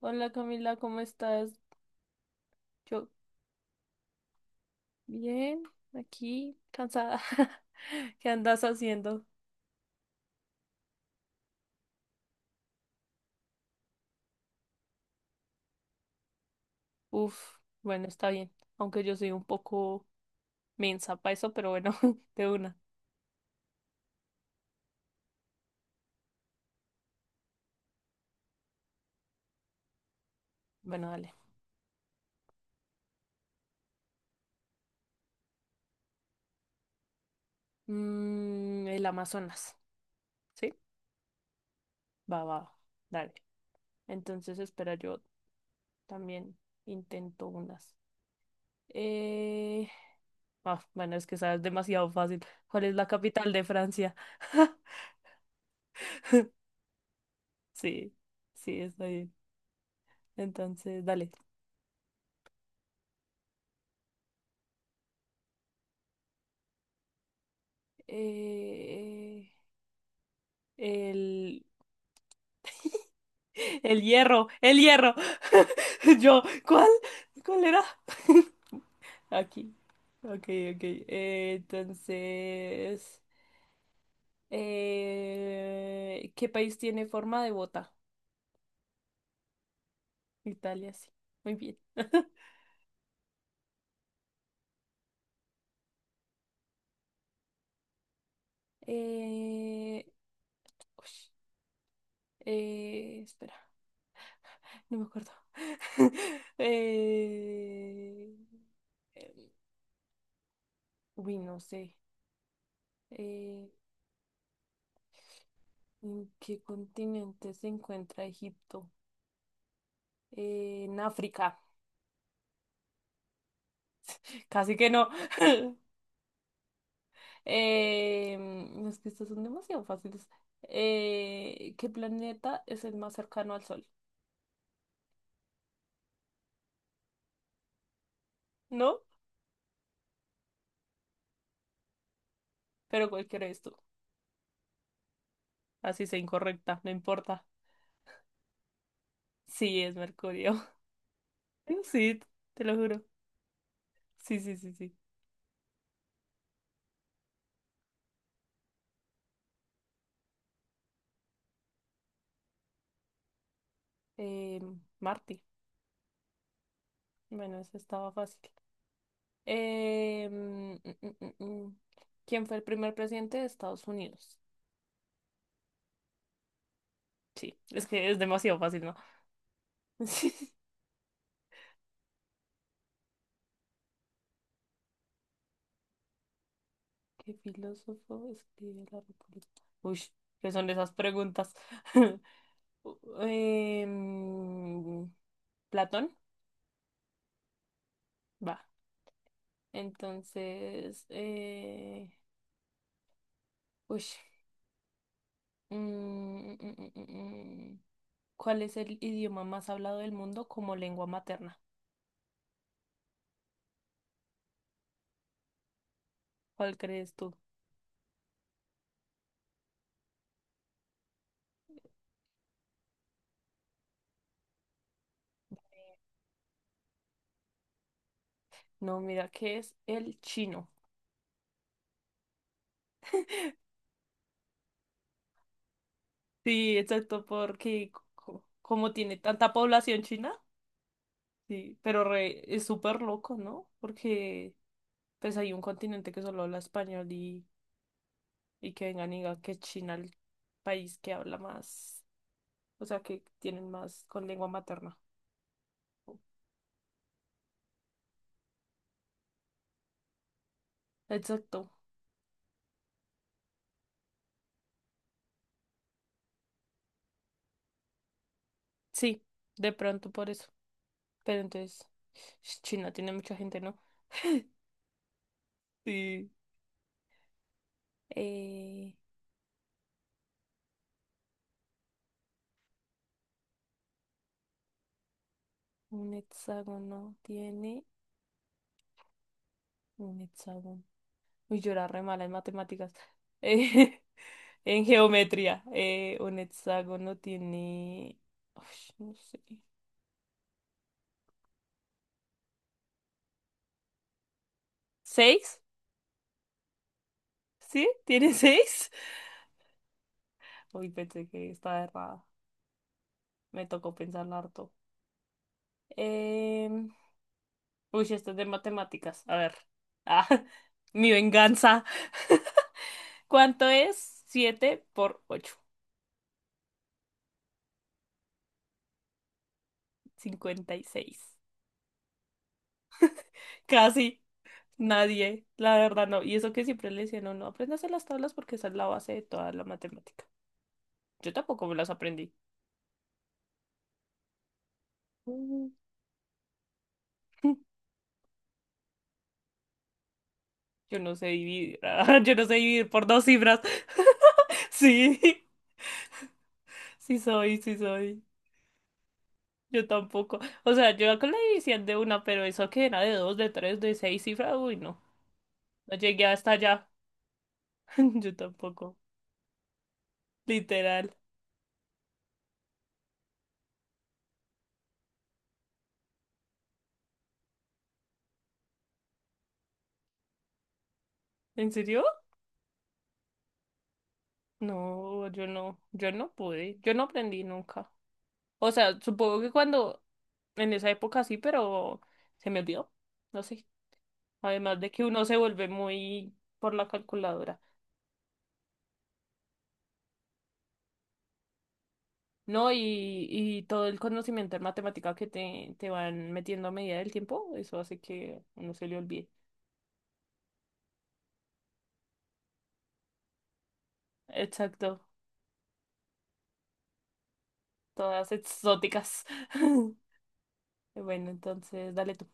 Hola Camila, ¿cómo estás? Yo bien, aquí, cansada. ¿Qué andas haciendo? Uf, bueno, está bien. Aunque yo soy un poco mensa para eso, pero bueno, de una. Bueno, dale. El Amazonas, ¿sí? Va, va, va, dale. Entonces, espera, yo también intento unas. Eh... ah, bueno, es que sabes demasiado fácil. ¿Cuál es la capital de Francia? Sí, sí, está bien. Entonces, dale. Eh, el, el hierro, el hierro. Yo, ¿cuál? ¿Cuál era? Aquí. Ok, ok. Entonces, ¿qué país tiene forma de bota? Italia, sí. Muy bien. Eh, ush, espera, no me acuerdo. eh, em, uy, no sé. Eh, ¿En qué continente se encuentra Egipto? En África. Casi que no. Es que estos son demasiado fáciles. ¿Qué planeta es el más cercano al Sol? ¿No? Pero cualquiera es tú. Así sea incorrecta, no importa. Sí, es Mercurio. Sí, te lo juro. Sí, sí, sí, sí. Marte. Bueno, eso estaba fácil. Em, mm, mm, mm, mm. ¿Quién fue el primer presidente de Estados Unidos? Sí, es que es demasiado fácil, ¿no? ¿Qué filósofo escribe la República? Uy, ¿qué son esas preguntas? U- Em, ¿Platón? Va. Entonces, uy, mm, mm, mm, mm, mm. ¿cuál es el idioma más hablado del mundo como lengua materna? ¿Cuál crees tú? No, mira, ¿qué es el chino? Sí, exacto, porque como tiene tanta población china. Sí, pero es súper loco, ¿no? Porque pues hay un continente que solo habla español y que vengan y digan que China el país que habla más, o sea, que tienen más con lengua materna. Exacto. Sí, de pronto por eso. Pero entonces, China tiene mucha gente, ¿no? Sí. Eh, un hexágono tiene un hexágono. Uy, yo era re mala en matemáticas. En geometría, un hexágono tiene... Ush, no sé. ¿Seis? ¿Sí? ¿Tiene seis? Uy, pensé que estaba errada. Me tocó pensarlo harto. Em, Uy, esto es de matemáticas. A ver. Ah, mi venganza. ¿Cuánto es? Siete por ocho. Cincuenta y seis. Casi nadie. La verdad no. Y eso que siempre le decían, no, no, apréndase las tablas porque esa es la base de toda la matemática. Yo tampoco me las aprendí. Mm. Yo no sé dividir. Yo no sé dividir por dos cifras. Sí, sí soy, sí soy. Yo tampoco. O sea, yo con la división de una, pero eso que era de dos, de tres, de seis cifras, uy, no. No llegué hasta allá. Yo tampoco. Literal. ¿En serio? No, yo no. Yo no pude. Yo no aprendí nunca. O sea, supongo que cuando, en esa época sí, pero se me olvidó. No sé. Además de que uno se vuelve muy por la calculadora. ¿No? Y todo el conocimiento en matemática que te van metiendo a medida del tiempo, eso hace que uno se le olvide. Exacto, todas exóticas. Bueno, entonces dale tú.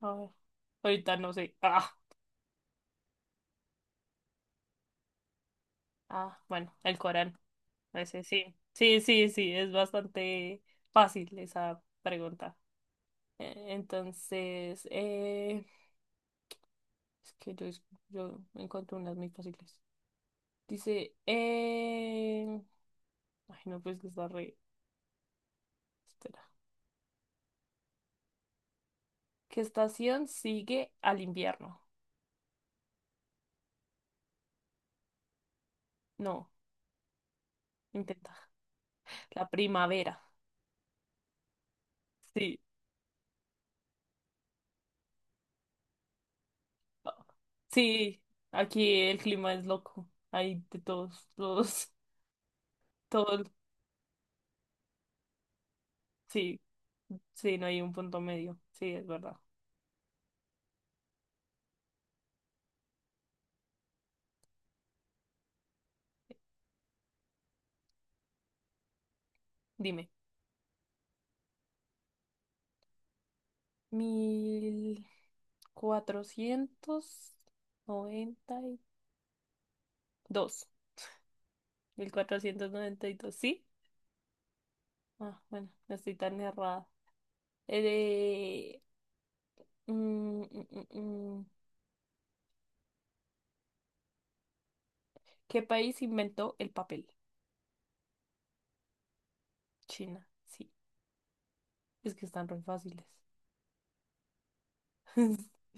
A ver. Ahorita no sé. Ah, bueno, el Corán. Ese sí. Sí, sí, sí, es bastante fácil esa pregunta. Entonces, es que yo, yo encontré unas muy fáciles. Dice, ay, no, pues que está re. Espera. ¿Qué estación sigue al invierno? No, intenta. La primavera. Sí. Sí, aquí el clima es loco. Hay de todos, todos, todos. Sí, sí, no hay un punto medio. Sí, es verdad. Dime. Mil cuatrocientos noventa y dos. Mil cuatrocientos noventa y dos, ¿sí? Ah, bueno, no estoy tan errada. Eh, mm, mm, mm, mm. ¿Qué país inventó el papel? China. Sí, es que están re fáciles.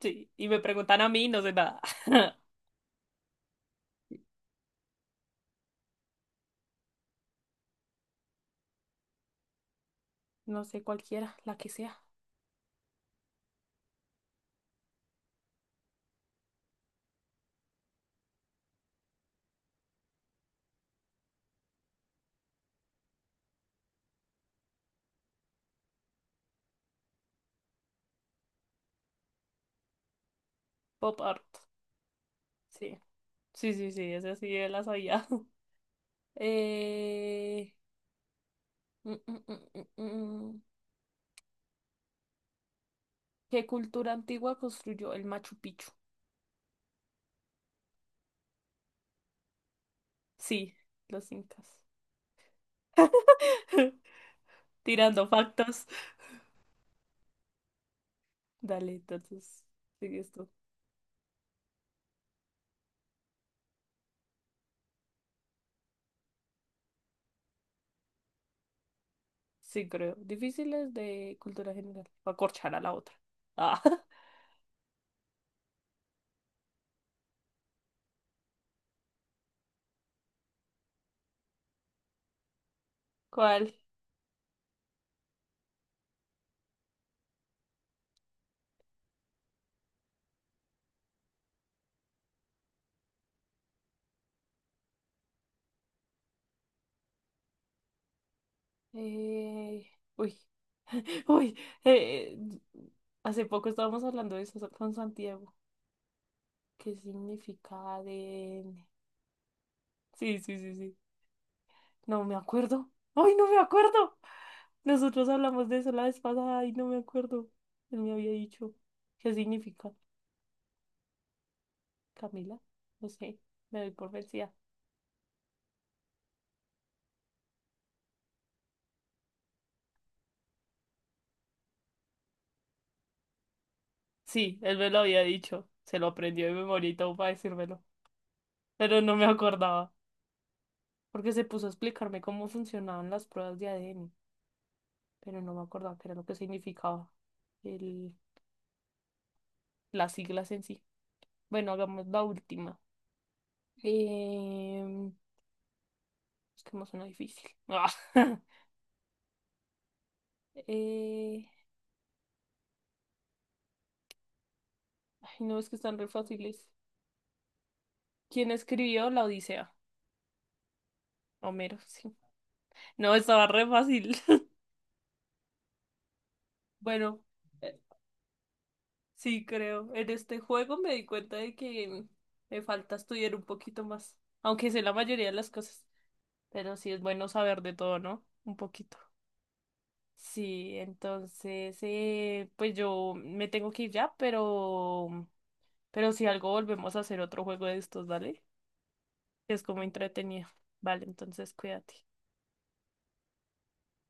Sí, y me preguntan a mí, no sé nada. No sé cualquiera, la que sea. Pop art. Sí, sí, sí, sí, esa sí la sabía. Eh... mm, mm, mm, mm, mm. mm. ¿Qué cultura antigua construyó el Machu Picchu? Sí, los incas. Tirando factos. Dale, entonces, sigue esto. Sí, creo. Difíciles de cultura general. Va a corchar a la otra. Ah. ¿Cuál? Eh, uy, uy, eh, hace poco estábamos hablando de eso con Santiago. ¿Qué significa ADN? Sí, sí, sí, sí. No me acuerdo. ¡Ay, no me acuerdo! Nosotros hablamos de eso la vez pasada y no me acuerdo. Él me había dicho. ¿Qué significa? Camila, no sé, me doy por vencida. Sí, él me lo había dicho. Se lo aprendió de memoria y todo para decírmelo. Pero no me acordaba, porque se puso a explicarme cómo funcionaban las pruebas de ADN, pero no me acordaba qué era lo que significaba el, las siglas en sí. Bueno, hagamos la última. Em, es que me suena difícil. Eh, ay, no, es que están re fáciles. ¿Quién escribió la Odisea? Homero, sí. No, estaba re fácil. Bueno, eh, sí, creo. En este juego me di cuenta de que me falta estudiar un poquito más, aunque sé la mayoría de las cosas. Pero sí es bueno saber de todo, ¿no? Un poquito. Sí, entonces, pues yo me tengo que ir ya, pero si algo volvemos a hacer otro juego de estos, ¿vale? Que es como entretenido. Vale, entonces cuídate.